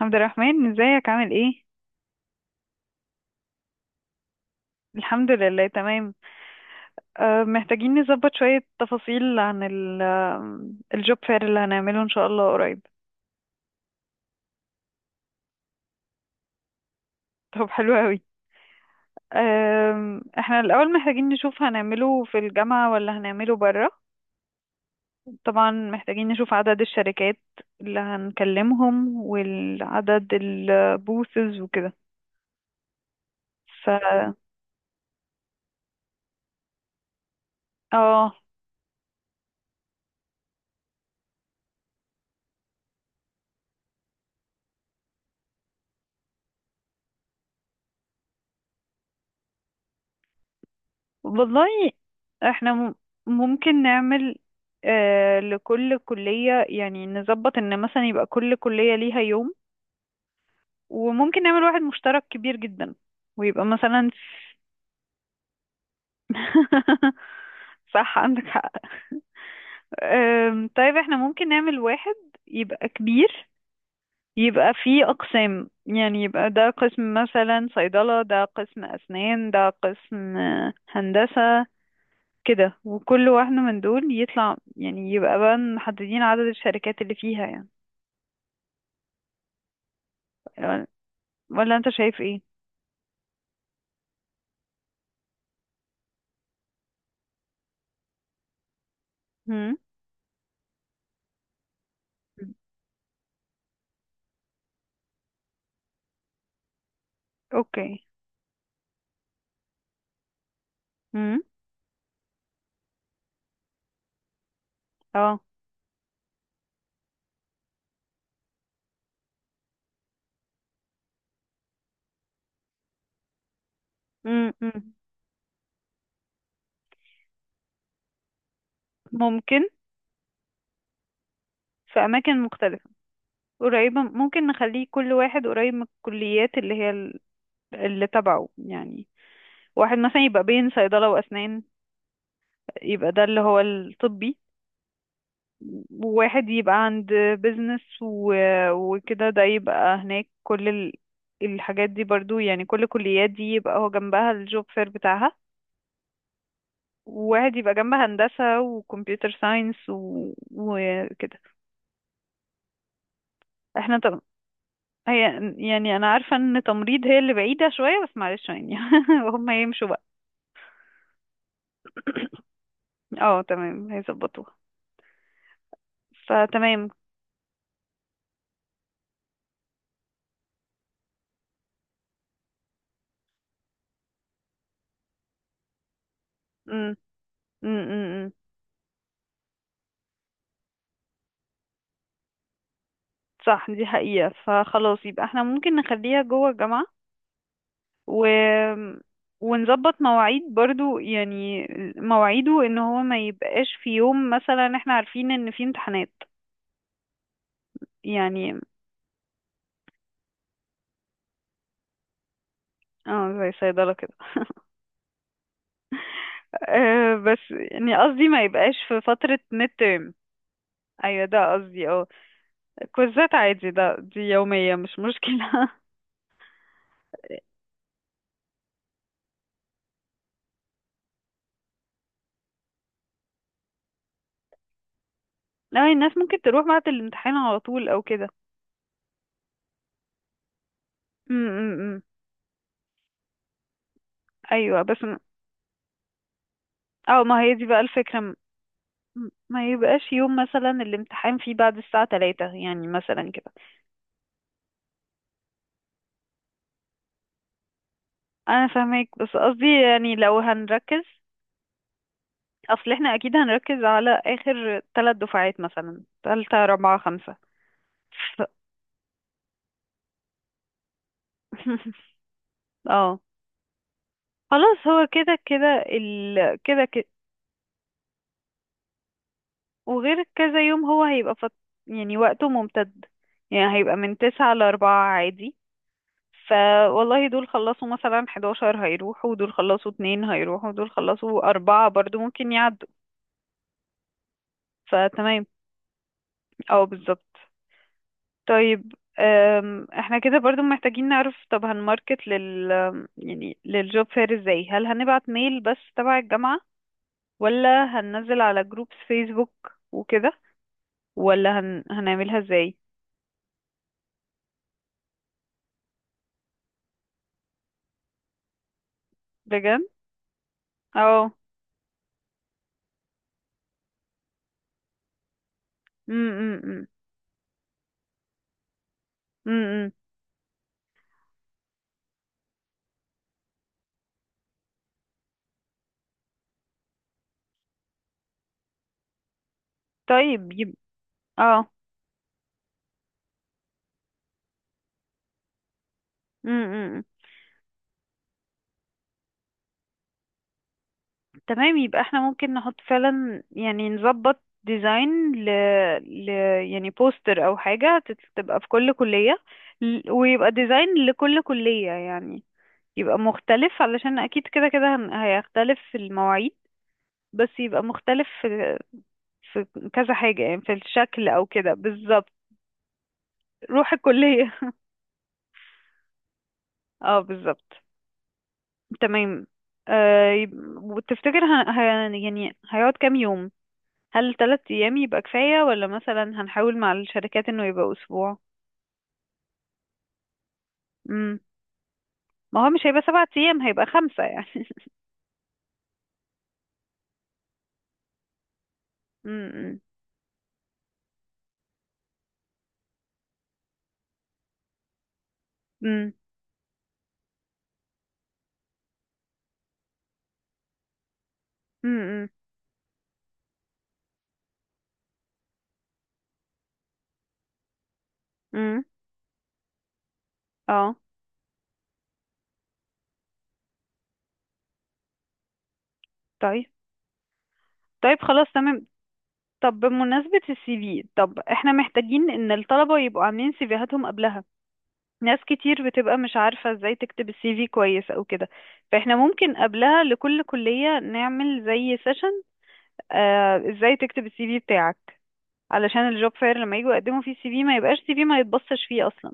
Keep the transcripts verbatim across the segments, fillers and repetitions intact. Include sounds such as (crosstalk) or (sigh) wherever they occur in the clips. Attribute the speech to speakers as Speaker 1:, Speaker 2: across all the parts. Speaker 1: عبد الرحمن، ازيك؟ عامل ايه؟ الحمد لله تمام. أه محتاجين نظبط شوية تفاصيل عن ال الجوب فير اللي هنعمله ان شاء الله قريب. طب، حلو قوي. أه احنا الاول محتاجين نشوف هنعمله في الجامعة ولا هنعمله برا. طبعا محتاجين نشوف عدد الشركات اللي هنكلمهم والعدد البوثز وكده. ف اه والله احنا مم- ممكن نعمل آه لكل كلية، يعني نظبط ان مثلا يبقى كل كلية ليها يوم، وممكن نعمل واحد مشترك كبير جدا، ويبقى مثلا… (laughs) صح، عندك حق. آم، طيب احنا ممكن نعمل واحد يبقى كبير، يبقى فيه أقسام. يعني يبقى ده قسم مثلا صيدلة، ده قسم أسنان، ده قسم آه، هندسة، كده. وكل واحدة من دول يطلع، يعني يبقى بقى محددين عدد الشركات اللي فيها يعني. ولا انت شايف ايه؟ هم. اوكي. هم. اه. هم، هم. ممكن في اماكن مختلفة قريبة. ممكن نخليه كل واحد قريب من الكليات اللي هي ال- اللي تبعه يعني. واحد مثلا يبقى بين صيدلة واسنان، يبقى ده اللي هو الطبي. واحد يبقى عند بيزنس وكده، ده يبقى هناك كل ال- الحاجات دي برضو، يعني كل كليات دي يبقى هو جنبها الجوب فير بتاعها. وواحد يبقى جنبها هندسة وكمبيوتر ساينس و... وكده. احنا طب، هي يعني انا عارفة ان تمريض هي اللي بعيدة شوية، بس معلش يعني. (laughs) هم يمشوا بقى. (coughs) اه تمام، هيظبطوها. فتمام. امم. امم. صح، دي حقيقة. فخلاص، يبقى احنا ممكن نخليها جوه الجامعة و... ونظبط مواعيد برضو، يعني مواعيده ان هو ما يبقاش في يوم مثلا احنا عارفين ان في امتحانات يعني. اه زي صيدلة كده. (laughs) آه، بس يعني قصدي ما يبقاش في فترة ميد ترم. ايوه، ده قصدي. اه، كوزات عادي ده، دي يومية مش مشكلة. (laughs) لا، الناس ممكن تروح بعد الامتحان على طول او كده. م- م- م. ايوه بس م- اه، ما هي دي بقى الفكرة. م- ما يبقاش يوم مثلا الامتحان فيه بعد الساعة ثلاثة يعني، مثلا كده. انا فاهمك، بس قصدي يعني لو هنركز، اصل احنا اكيد هنركز على اخر ثلاث دفعات، مثلا ثالثة رابعة خمسة. ف... (laughs) اه خلاص، هو كده كده ال... كده كده. وغير كذا يوم هو هيبقى فت... يعني وقته ممتد، يعني هيبقى من تسعة لأربعة عادي. فوالله دول خلصوا مثلا حداشر هيروحوا، ودول خلصوا اتنين هيروحوا، ودول خلصوا أربعة برضو ممكن يعدوا. فتمام. اه، بالظبط. طيب. أم، احنا كده برضو محتاجين نعرف، طب هنماركت لل، يعني للجوب فير ازاي؟ هل هنبعت ميل بس تبع الجامعة، ولا هننزل على جروبس فيسبوك وكده، ولا هن... هنعملها ازاي؟ بجد. اه. م- م- م. م- م. طيب يب... اه. م- م- م. تمام. يبقى احنا ممكن نحط فعلا، يعني نظبط ديزاين ل... ل... يعني بوستر او حاجة تت- تبقى في كل كلية. ل- ويبقى ديزاين لكل كلية، يعني يبقى مختلف علشان اكيد كده كده هن- هيختلف في المواعيد، بس يبقى مختلف في في كذا حاجة، يعني في الشكل او كده بالظبط. روح الكلية. (laughs) اه، بالظبط. تمام. آه يب- وتفتكر هن... هن... يعني هيقعد كام يوم؟ هل ثلاث ايام يبقى كفاية، ولا مثلا هنحاول مع الشركات انه يبقى اسبوع؟ امم. ما هو مش هيبقى سبعة ايام، هيبقى خمسة يعني. (laughs) امم. امم. امم. امم. اه. طيب. طيب خلاص، تمام. طب بمناسبة السي في، طب احنا محتاجين ان الطلبة يبقوا عاملين سيفيهاتهم قبلها. ناس كتير بتبقى مش عارفة ازاي تكتب السي في كويس او كده. فاحنا ممكن قبلها لكل كلية نعمل زي سيشن، آه ازاي تكتب السي في بتاعك، علشان الجوب فاير لما يجوا يقدموا فيه السي في، ما يبقاش سي في ما يتبصش فيه اصلا.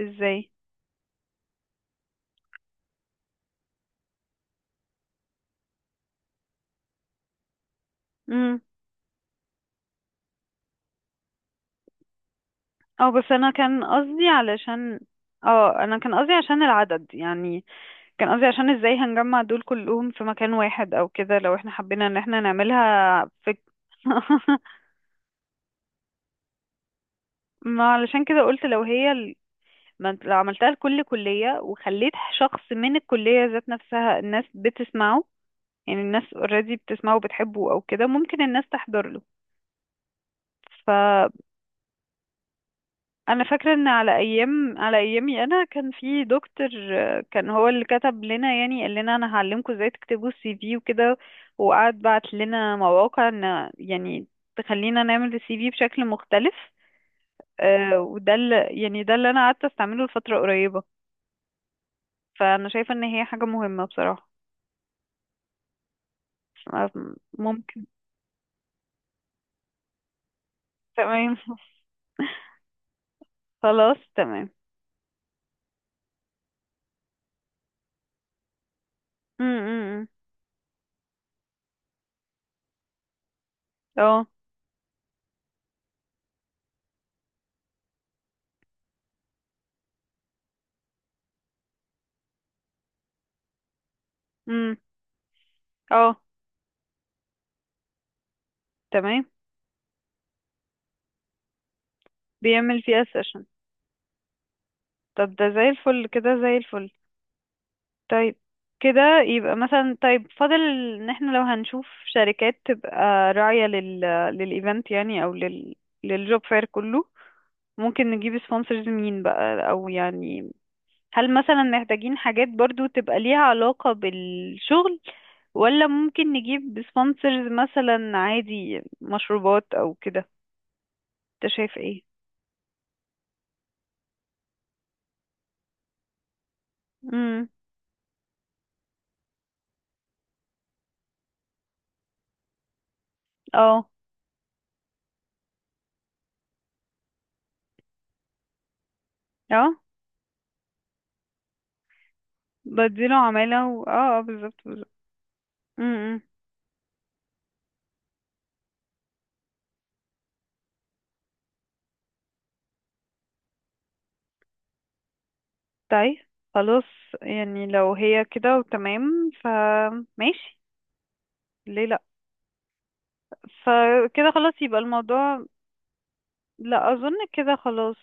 Speaker 1: ازاي؟ امم. اه، بس انا كان قصدي علشان، اه انا كان قصدي عشان العدد يعني. كان قصدي عشان ازاي هنجمع دول كلهم في مكان واحد او كده، لو احنا حبينا ان احنا نعملها في… (laughs) ما علشان كده قلت لو هي ال- ما انت لو عملتها لكل كلية، وخليت شخص من الكلية ذات نفسها، الناس بتسمعه. يعني الناس اوريدي بتسمعه وبتحبه او كده، ممكن الناس تحضر له. انا فاكره ان على ايام على ايامي انا كان في دكتور، آه، كان هو اللي كتب لنا، يعني قال لنا انا هعلمكم ازاي تكتبوا السي في وكده. وقعد بعت لنا مواقع ان، يعني تخلينا نعمل السي في بشكل مختلف. آه، وده اللي يعني ده اللي انا قعدت استعمله لفتره قريبه. فانا شايفه ان هي حاجه مهمه بصراحه. ف- ممكن. تمام. (laughs) خلاص، تمام. م- م- م. اه. م. اه تمام. بيعمل فيها سيشن. طب ده زي الفل، كده زي الفل. طيب، كده يبقى مثلا، طيب فاضل ان احنا لو هنشوف شركات تبقى راعية لل، للايفنت يعني، او لل، للجوب فاير كله. ممكن نجيب سبونسرز مين بقى، او يعني هل مثلا محتاجين حاجات برضو تبقى ليها علاقة بالشغل، ولا ممكن نجيب سبونسرز مثلا عادي مشروبات او كده؟ انت شايف ايه؟ امم. اه. اه بديله عمالة و... اه اه، بالظبط. بالظبط. طيب خلاص، يعني لو هي كده وتمام فماشي، ليه لا. فكده خلاص يبقى الموضوع، لا اظن كده خلاص.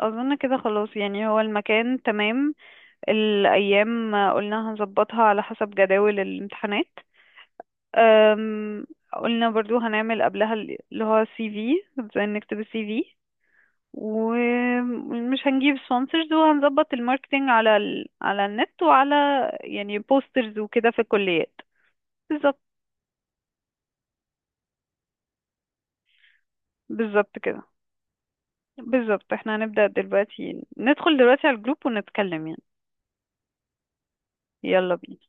Speaker 1: اظن كده خلاص. يعني هو المكان تمام، الايام قلنا هنظبطها على حسب جداول الامتحانات. أم، قلنا برضو هنعمل قبلها اللي هو سي في، ازاي نكتب السي في، ومش هنجيب سبونسرز، وهنظبط الماركتينج على ال... على النت، وعلى يعني بوسترز وكده في الكليات. بالظبط. بالظبط كده. بالظبط، احنا هنبدأ دلوقتي، ندخل دلوقتي على الجروب ونتكلم يعني. يلا بينا.